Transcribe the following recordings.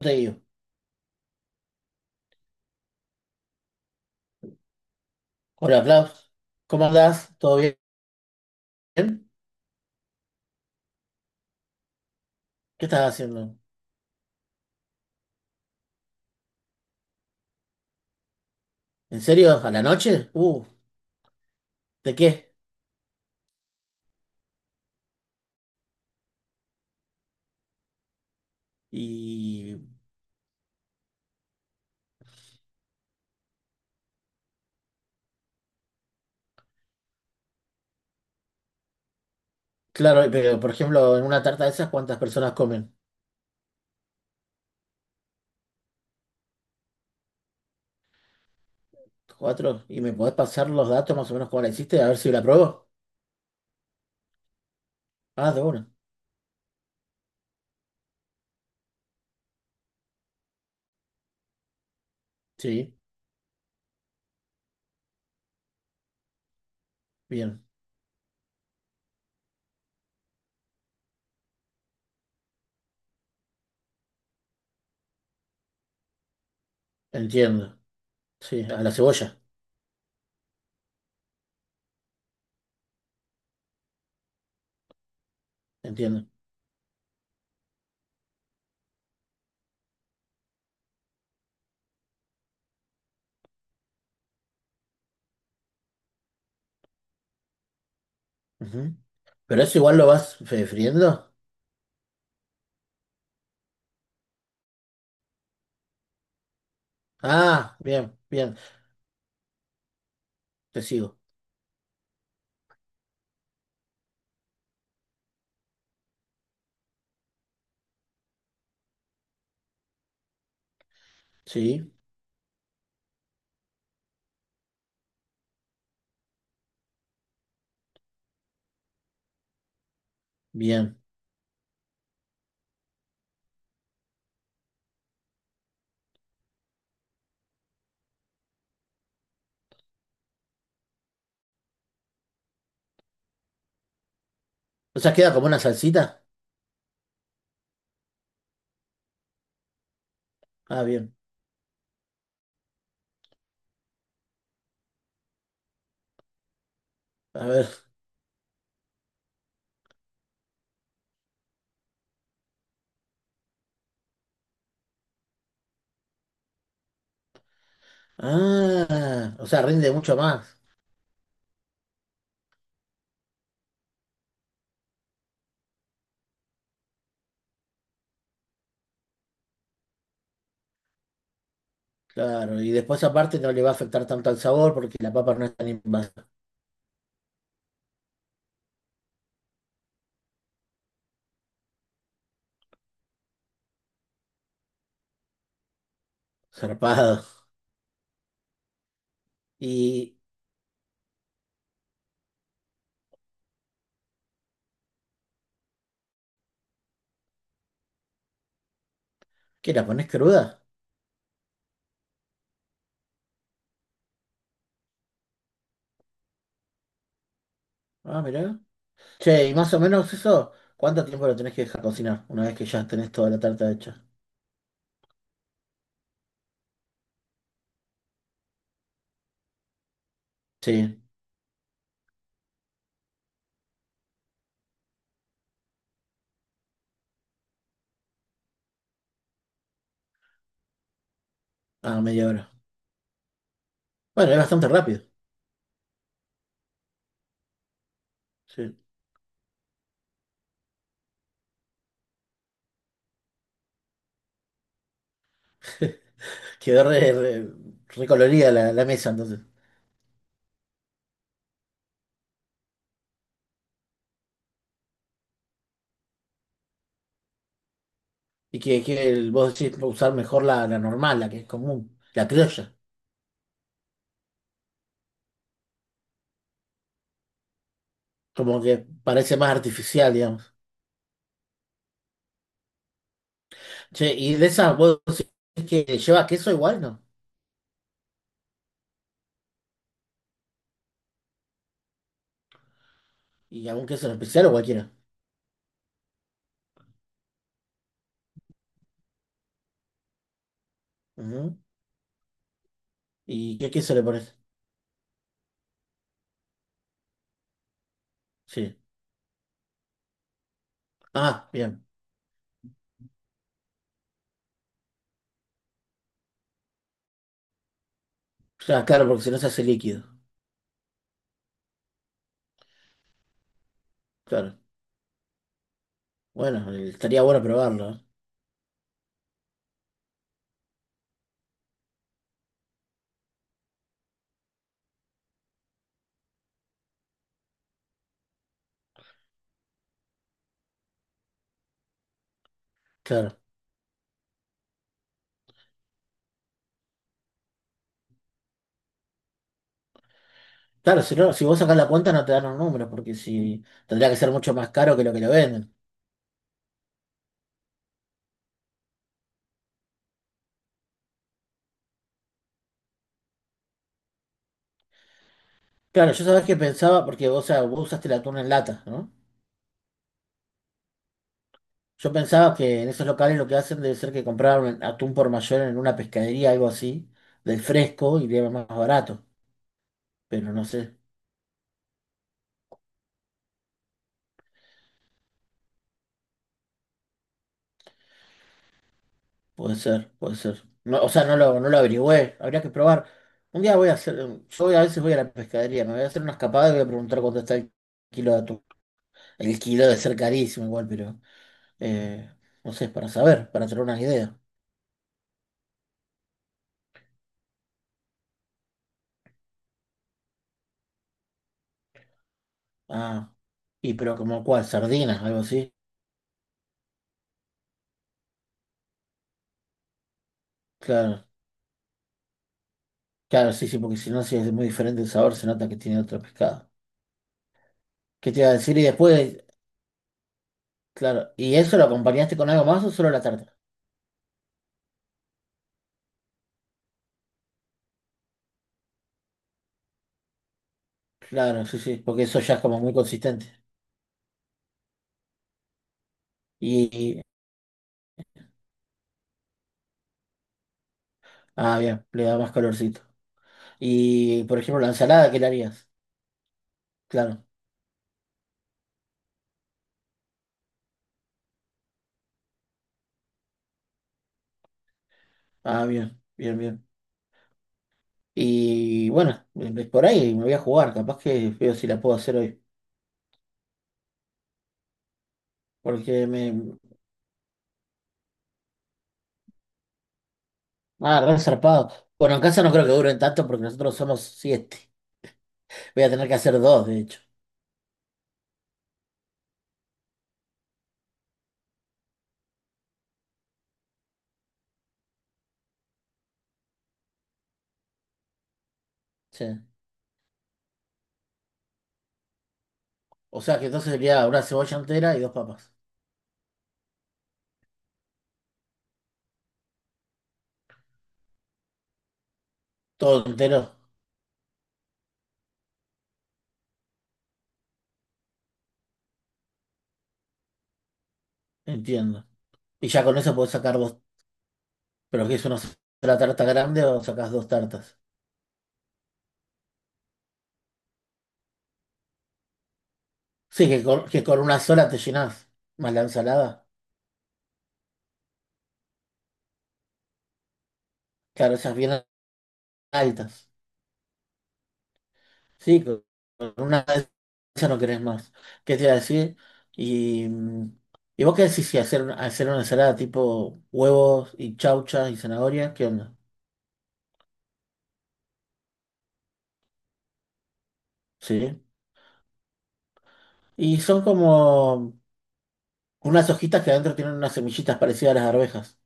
Te digo. Hola, Flav. ¿Cómo andás? ¿Todo bien? ¿Qué estás haciendo? ¿En serio? ¿A la noche? ¿De qué? Y claro, pero por ejemplo, en una tarta de esas, ¿cuántas personas comen? ¿Cuatro? ¿Y me podés pasar los datos más o menos cómo la hiciste? A ver si la pruebo. Ah, de una. Sí, bien. Entiendo. Sí, a la cebolla. Entiendo. Ujú. Pero eso igual lo vas friendo. Ah, bien, bien. Te sigo. Sí, bien. O sea, queda como una salsita. Ah, bien. A ver. Ah, o sea, rinde mucho más. Claro, y después aparte no le va a afectar tanto al sabor porque la papa no es tan invasiva. Zarpado. ¿Y qué, la ponés cruda? Ah, mirá. Che, y más o menos eso, ¿cuánto tiempo lo tenés que dejar cocinar una vez que ya tenés toda la tarta hecha? Sí, ah, media hora. Bueno, es bastante rápido. Sí. Quedó recolorida la mesa entonces. Y que vos decís usar mejor la normal, la que es común, la criolla. Como que parece más artificial, digamos. Che, y de esas vos decís que lleva queso igual, ¿no? Y algún queso en especial o cualquiera. Ujú. ¿Y qué queso le pones? Sí. Ah, bien. Ah, claro, porque si no se hace líquido. Claro. Bueno, estaría bueno probarlo, ¿eh? Claro. Claro, si no, si vos sacás la cuenta no te dan los números, porque si tendría que ser mucho más caro que lo venden. Claro, yo sabés que pensaba, porque vos, o sea, vos usaste el atún en lata, ¿no? Yo pensaba que en esos locales lo que hacen debe ser que compraron atún por mayor en una pescadería, algo así, del fresco y de más barato. Pero no sé, puede ser, puede ser. No, o sea, no lo averigüé, habría que probar. Un día voy a hacer, yo a veces voy a la pescadería, me voy a hacer una escapada y voy a preguntar cuánto está el kilo de atún. El kilo debe ser carísimo igual, pero eh, no sé, para saber, para tener una idea. Ah, y pero como cuál, sardinas, algo así. Claro, claro, sí, sí, porque si no, si es muy diferente el sabor, se nota que tiene otro pescado. ¿Qué te iba a decir? Y después, claro, ¿y eso lo acompañaste con algo más o solo la tarta? Claro, sí, sí, porque eso ya es como muy consistente. Y ah, bien, le da más colorcito. Y, por ejemplo, la ensalada, ¿qué le harías? Claro. Ah, bien, bien, bien. Y bueno, por ahí me voy a jugar, capaz que veo si la puedo hacer hoy. Porque me... Ah, re zarpado. Bueno, en casa no creo que duren tanto porque nosotros somos siete. Voy a tener que hacer dos, de hecho. Sí. O sea que entonces sería una cebolla entera y dos papas. Todo entero, entiendo. Y ya con eso puedo sacar dos. Pero que es una sola tarta grande o sacás dos tartas. Sí, que con una sola te llenás, más la ensalada. Claro, esas bien altas. Sí, con una de esas no querés más. ¿Qué te iba a decir? Y, mm, ¿y vos qué decís si hacer, hacer una ensalada tipo huevos y chauchas y zanahorias? ¿Qué onda? Sí. Y son como unas hojitas que adentro tienen unas semillitas parecidas a las arvejas.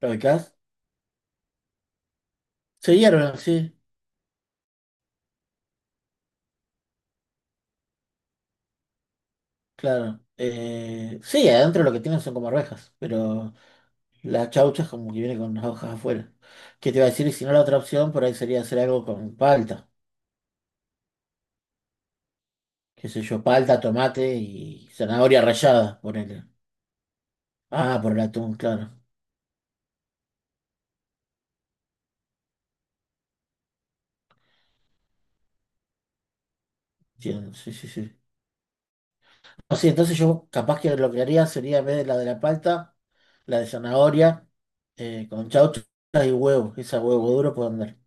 ¿Lo ubicás? Se hierven, sí, claro. Sí, adentro lo que tienen son como arvejas, pero... las chauchas como que viene con las hojas afuera. ¿Qué te iba a decir? Y si no, la otra opción por ahí sería hacer algo con palta. Qué sé yo, palta, tomate y zanahoria rallada, ponele. Ah, por el atún, claro. Entiendo, sí, sí, sí. No, sí, entonces yo capaz que lo que haría sería en vez de la palta, la de zanahoria, con chauchas y huevo. Esa huevo duro puede andar.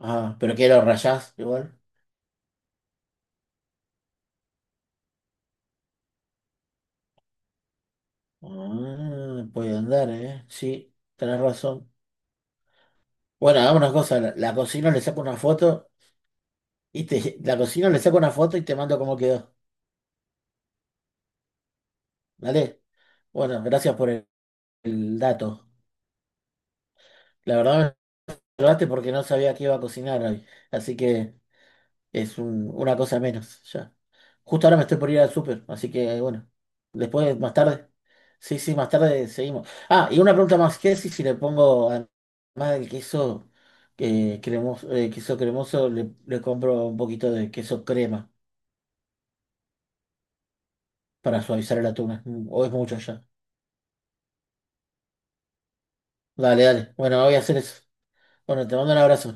Ah, pero que lo rallás igual. Ah, puede andar, ¿eh? Sí, tenés razón. Bueno, hagamos una cosa, la cocino, le saco una foto. Y te, la cocino, le saco una foto y te mando cómo quedó. ¿Vale? Bueno, gracias por el dato. La verdad me ayudaste porque no sabía qué iba a cocinar hoy. Así que es una cosa menos ya. Justo ahora me estoy por ir al súper, así que bueno. Después, más tarde. Sí, sí, más tarde seguimos. Ah, y una pregunta más. ¿Qué decís si le pongo, además del queso queso cremoso, le compro un poquito de queso crema para suavizar el atún? ¿O es mucho ya? Dale, dale. Bueno, voy a hacer eso. Bueno, te mando un abrazo.